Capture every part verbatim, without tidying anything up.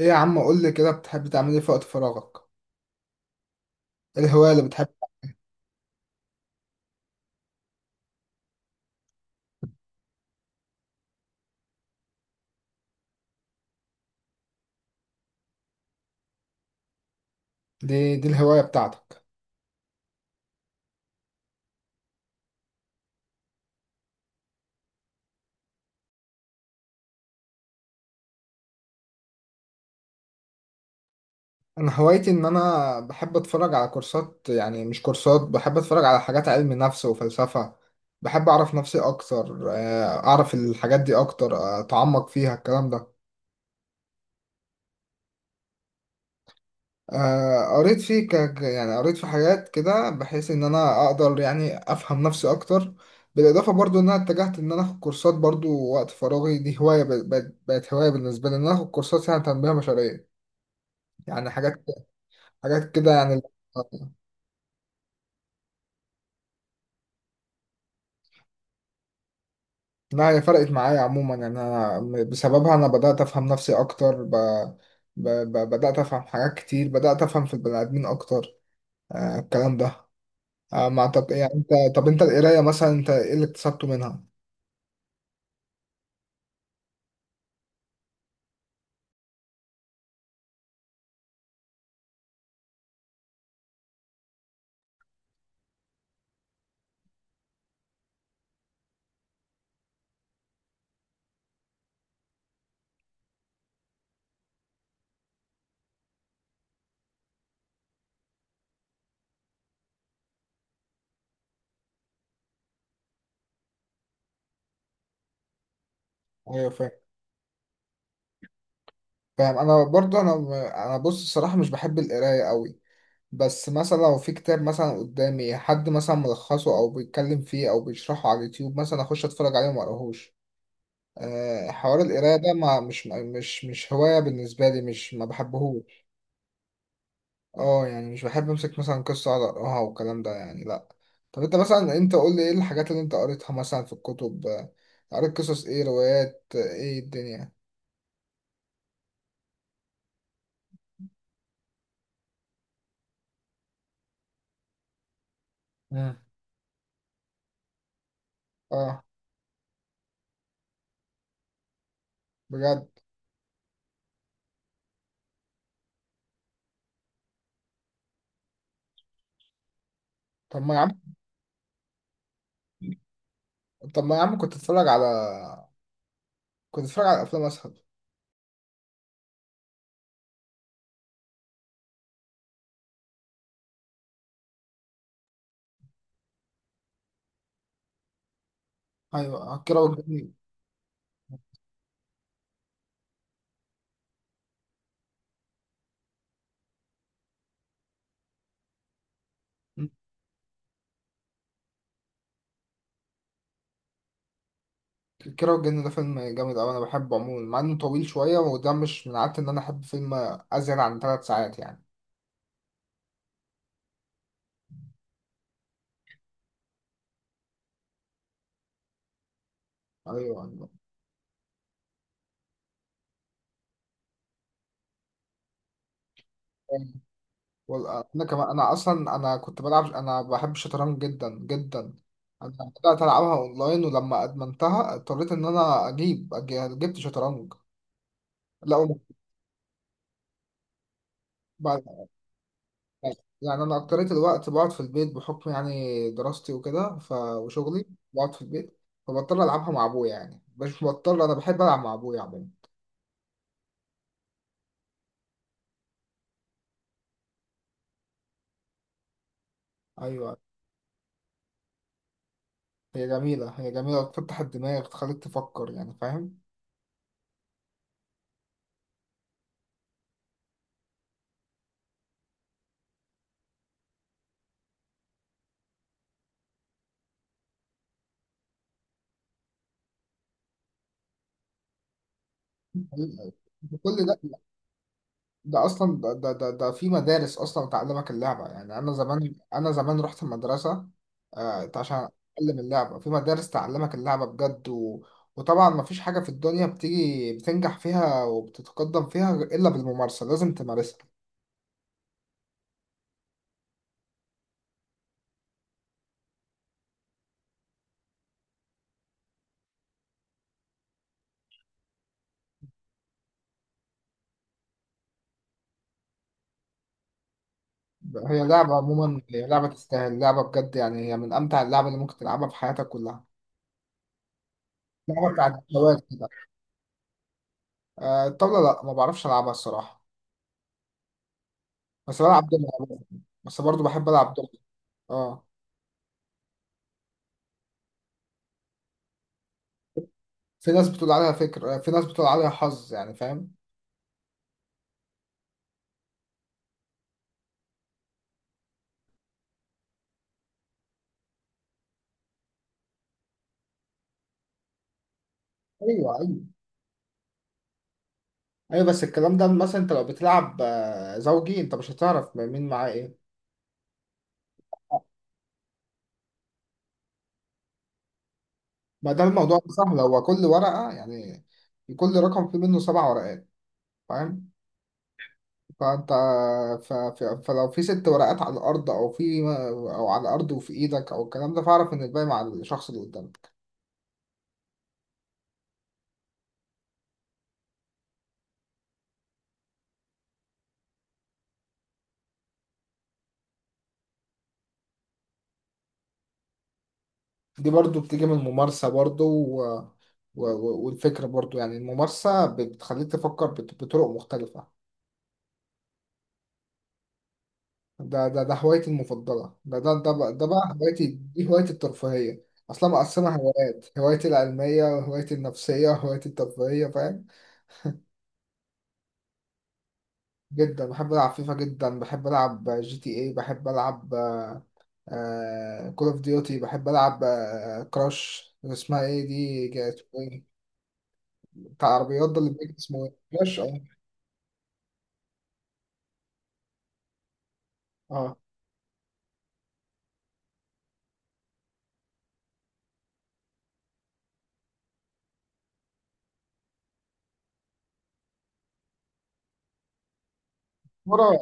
ايه يا عم قول لي كده، بتحب تعمل ايه في وقت فراغك؟ ايه الهواية اللي بتحب؟ دي دي الهواية بتاعتك؟ انا هوايتي ان انا بحب اتفرج على كورسات، يعني مش كورسات، بحب اتفرج على حاجات علم نفس وفلسفة. بحب اعرف نفسي اكتر آه، اعرف الحاجات دي اكتر آه، اتعمق فيها الكلام ده. آه، قريت فيه ك... ك- يعني قريت في حاجات كده بحيث ان انا اقدر يعني افهم نفسي اكتر. بالاضافه برضو ان انا اتجهت ان انا اخد كورسات برضو. وقت فراغي دي هوايه، ب... بقت بقت هوايه بالنسبه لي ان انا اخد كورسات يعني تنميه بشريه، يعني حاجات، حاجات كده يعني. لا، هي فرقت معايا عموما، يعني انا بسببها انا بدات افهم نفسي اكتر، ب... ب... ب... بدات افهم حاجات كتير، بدات افهم في البني ادمين اكتر. آه الكلام ده. آه ما أعتقد- يعني انت، طب انت القرايه مثلا، انت ايه اللي اكتسبته منها؟ ايوه فاهم. فاهم. انا برضه انا، انا بص الصراحه مش بحب القرايه قوي، بس مثلا لو في كتاب مثلا قدامي، حد مثلا ملخصه او بيتكلم فيه او بيشرحه على اليوتيوب مثلا، اخش اتفرج عليه وما اقراهوش. أه حوار القرايه ده، ما مش مش مش هوايه بالنسبه لي، مش ما بحبهوش. اه يعني مش بحب امسك مثلا قصه اقعد اقراها والكلام ده، يعني لا. طب انت مثلا، انت قول لي ايه الحاجات اللي انت قريتها مثلا في الكتب، آه، قريت قصص ايه، روايات، آه، ايه الدنيا؟ مم. اه. بجد. طب ما يا عم طب ما يا عم كنت اتفرج على، كنت اتفرج على افلام اسهل. ايوه آه، كيرة والجن. كيرة والجن ده فيلم جامد اوي، انا بحبه عموما مع انه طويل شويه، وده مش من عادتي ان انا احب فيلم ازيد عن ثلاث ساعات يعني. ايوه أيوه. وال- آه، انا كمان، انا اصلا انا كنت بلعب، انا بحب الشطرنج جدا جدا. انا بدات العبها اونلاين، ولما ادمنتها اضطريت ان انا اجيب أج- جبت شطرنج. لا يعني أنا أكترية الوقت بقعد في البيت بحكم يعني دراستي وكده ف... وشغلي. بقعد في البيت، فبضطر ألعبها مع أبويا، يعني مش بضطر، أنا بحب ألعب مع أبويا عموما. أيوه. هي جميلة هي جميلة، بتفتح الدماغ، تخليك تفكر يعني، فاهم. كل ده؟ ده اصلا ده ده ده, ده في مدارس اصلا تعلمك اللعبه. يعني انا زمان انا زمان رحت المدرسه آه عشان اتعلم اللعبه، في مدارس تعلمك اللعبه بجد، و... وطبعا ما فيش حاجه في الدنيا بتيجي بتنجح فيها وبتتقدم فيها الا بالممارسه، لازم تمارسها. هي لعبه عموما، هي لعبه تستاهل، لعبه بجد يعني، هي من امتع اللعب اللي ممكن تلعبها في حياتك كلها. لعبه بتاعت الجواز كده. آه الطاوله لا ما بعرفش العبها الصراحه، بس بلعب دمية. بس برضو بحب العب دمية. اه. في ناس بتقول عليها فكرة، في ناس بتقول عليها حظ، يعني فاهم. ايوه ايوه. ايوه بس الكلام ده مثلا انت لو بتلعب آه، زوجي، انت مش هتعرف مين معاه ايه. ما ده الموضوع سهل، هو كل ورقة يعني، كل رقم فيه منه سبع ورقات، فاهم؟ فانت ف... ف... فلو في ست ورقات على الارض، او في، او على الارض وفي ايدك او الكلام ده، فاعرف ان الباقي مع الشخص اللي قدامك. دي برضو بتيجي من الممارسة برضو، و... و... و- والفكرة برضو، يعني الممارسة بتخليك تفكر بط- بطرق مختلفة. ده ده ده هوايتي المفضلة. ده ده ده بقى, ده بقى هوايتي، دي هوايتي الترفيهية. أصلا مقسمة هوايات، هوايتي العلمية وهوايتي النفسية وهوايتي الترفيهية، فاهم. جدا بحب ألعب فيفا، جدا بحب ألعب جي تي إيه، بحب ألعب كول أوف ديوتي، بحب ألعب آه، كراش. اسمها إيه دي جا- اسمه إيه؟ بتاع العربيات ده اللي بيجي، اسمه إيه؟ كراش. أه أه. كورة.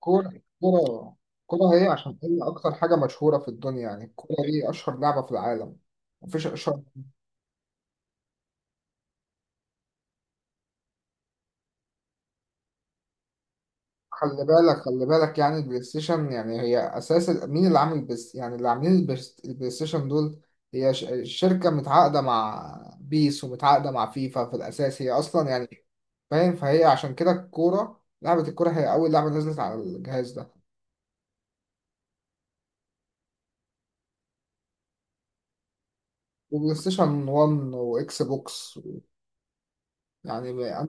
كورة. كورة كورة هي عشان هي أكتر حاجة مشهورة في الدنيا، يعني الكورة دي أشهر لعبة في العالم، مفيش أشهر. خلي بالك خلي بالك يعني البلاي ستيشن، يعني هي اساس ال- مين اللي عامل البس، يعني اللي عاملين البس- البلاي ستيشن دول، هي ش- شركة متعاقدة مع بيس ومتعاقدة مع فيفا في الاساس، هي اصلا يعني فاهم. فهي عشان كده الكورة، لعبة الكورة هي اول لعبة نزلت على الجهاز ده وبلاي ستيشن واحد واكس بوكس. يعني ب- انا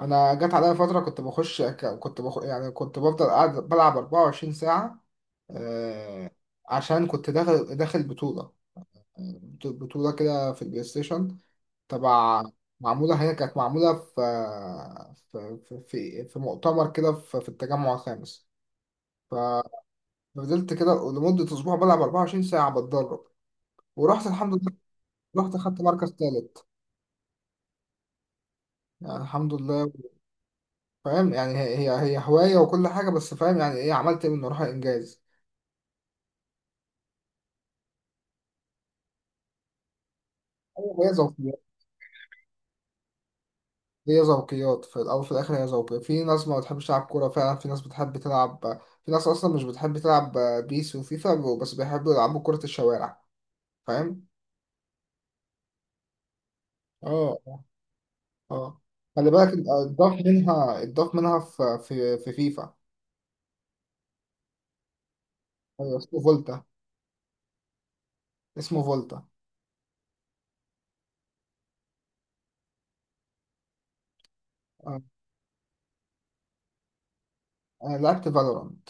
أنا جت عليا فترة كنت بخش، ك- كنت بخ يعني كنت بفضل قاعد بلعب 24 ساعة آه، عشان كنت داخل داخل بطولة، بطولة كده في البلاي ستيشن، تبع، معمولة، هي كانت معمولة في في في في, في مؤتمر كده في، في التجمع الخامس. ففضلت كده لمدة أسبوع بلعب 24 ساعة بتدرب، ورحت الحمد لله، رحت خدت مركز تالت يعني الحمد لله. فاهم يعني، هي هي هي هواية وكل حاجة، بس فاهم يعني إيه، عملت منه روح إنجاز. هو هواية، هي ذوقيات في الأول وفي الآخر، هي ذوقيات. في ناس ما بتحبش تلعب كورة فعلا، في ناس بتحب تلعب، في ناس أصلا مش بتحب تلعب بيس وفيفا بس بيحبوا يلعبوا كرة الشوارع، فاهم؟ اه اه. آه. خلي بالك. اتضاف منها اتضاف منها في في في فيفا. أيوة، اسمه فولتا. اسمه فولتا. آه. أنا لعبت فالورانت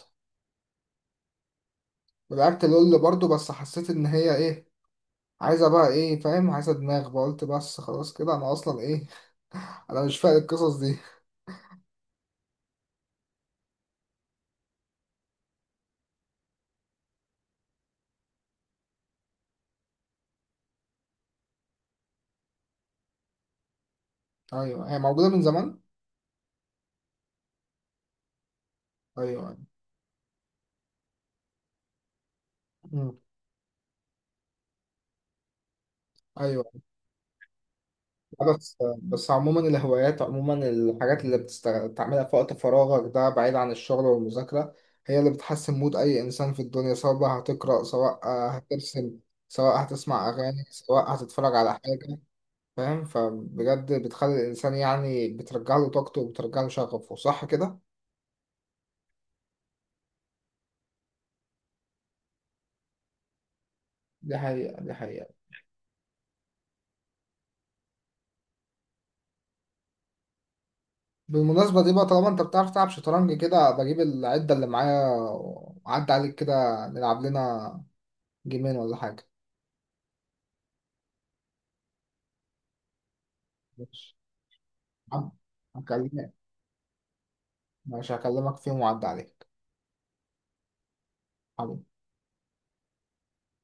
ولعبت لول برضو، بس حسيت إن هي إيه، عايزة بقى إيه فاهم، عايزة دماغ بقى، قلت بس خلاص كده، أنا أصلا إيه، أنا مش فاهم القصص دي. أيوه هي موجودة من زمان. أيوه. ايوه بس، بس عموما الهوايات عموما، الحاجات اللي بتستغ... بتعملها في وقت فراغك ده بعيد عن الشغل والمذاكرة، هي اللي بتحسن مود اي انسان في الدنيا، سواء بقى هتقرأ، سواء آه، هترسم، سواء هتسمع اغاني، سواء هتتفرج على حاجة، فاهم، فبجد بتخلي الانسان يعني بترجع له طاقته وبترجع له شغفه، صح كده؟ دي حقيقة دي حقيقة. بالمناسبة دي بقى، طالما انت بتعرف تلعب شطرنج كده، بجيب العدة اللي معايا وعدي عليك كده، نلعب لنا جيمين ولا حاجة. ماشي. هكلمك. مش هكلمك فيهم، وعد عليك.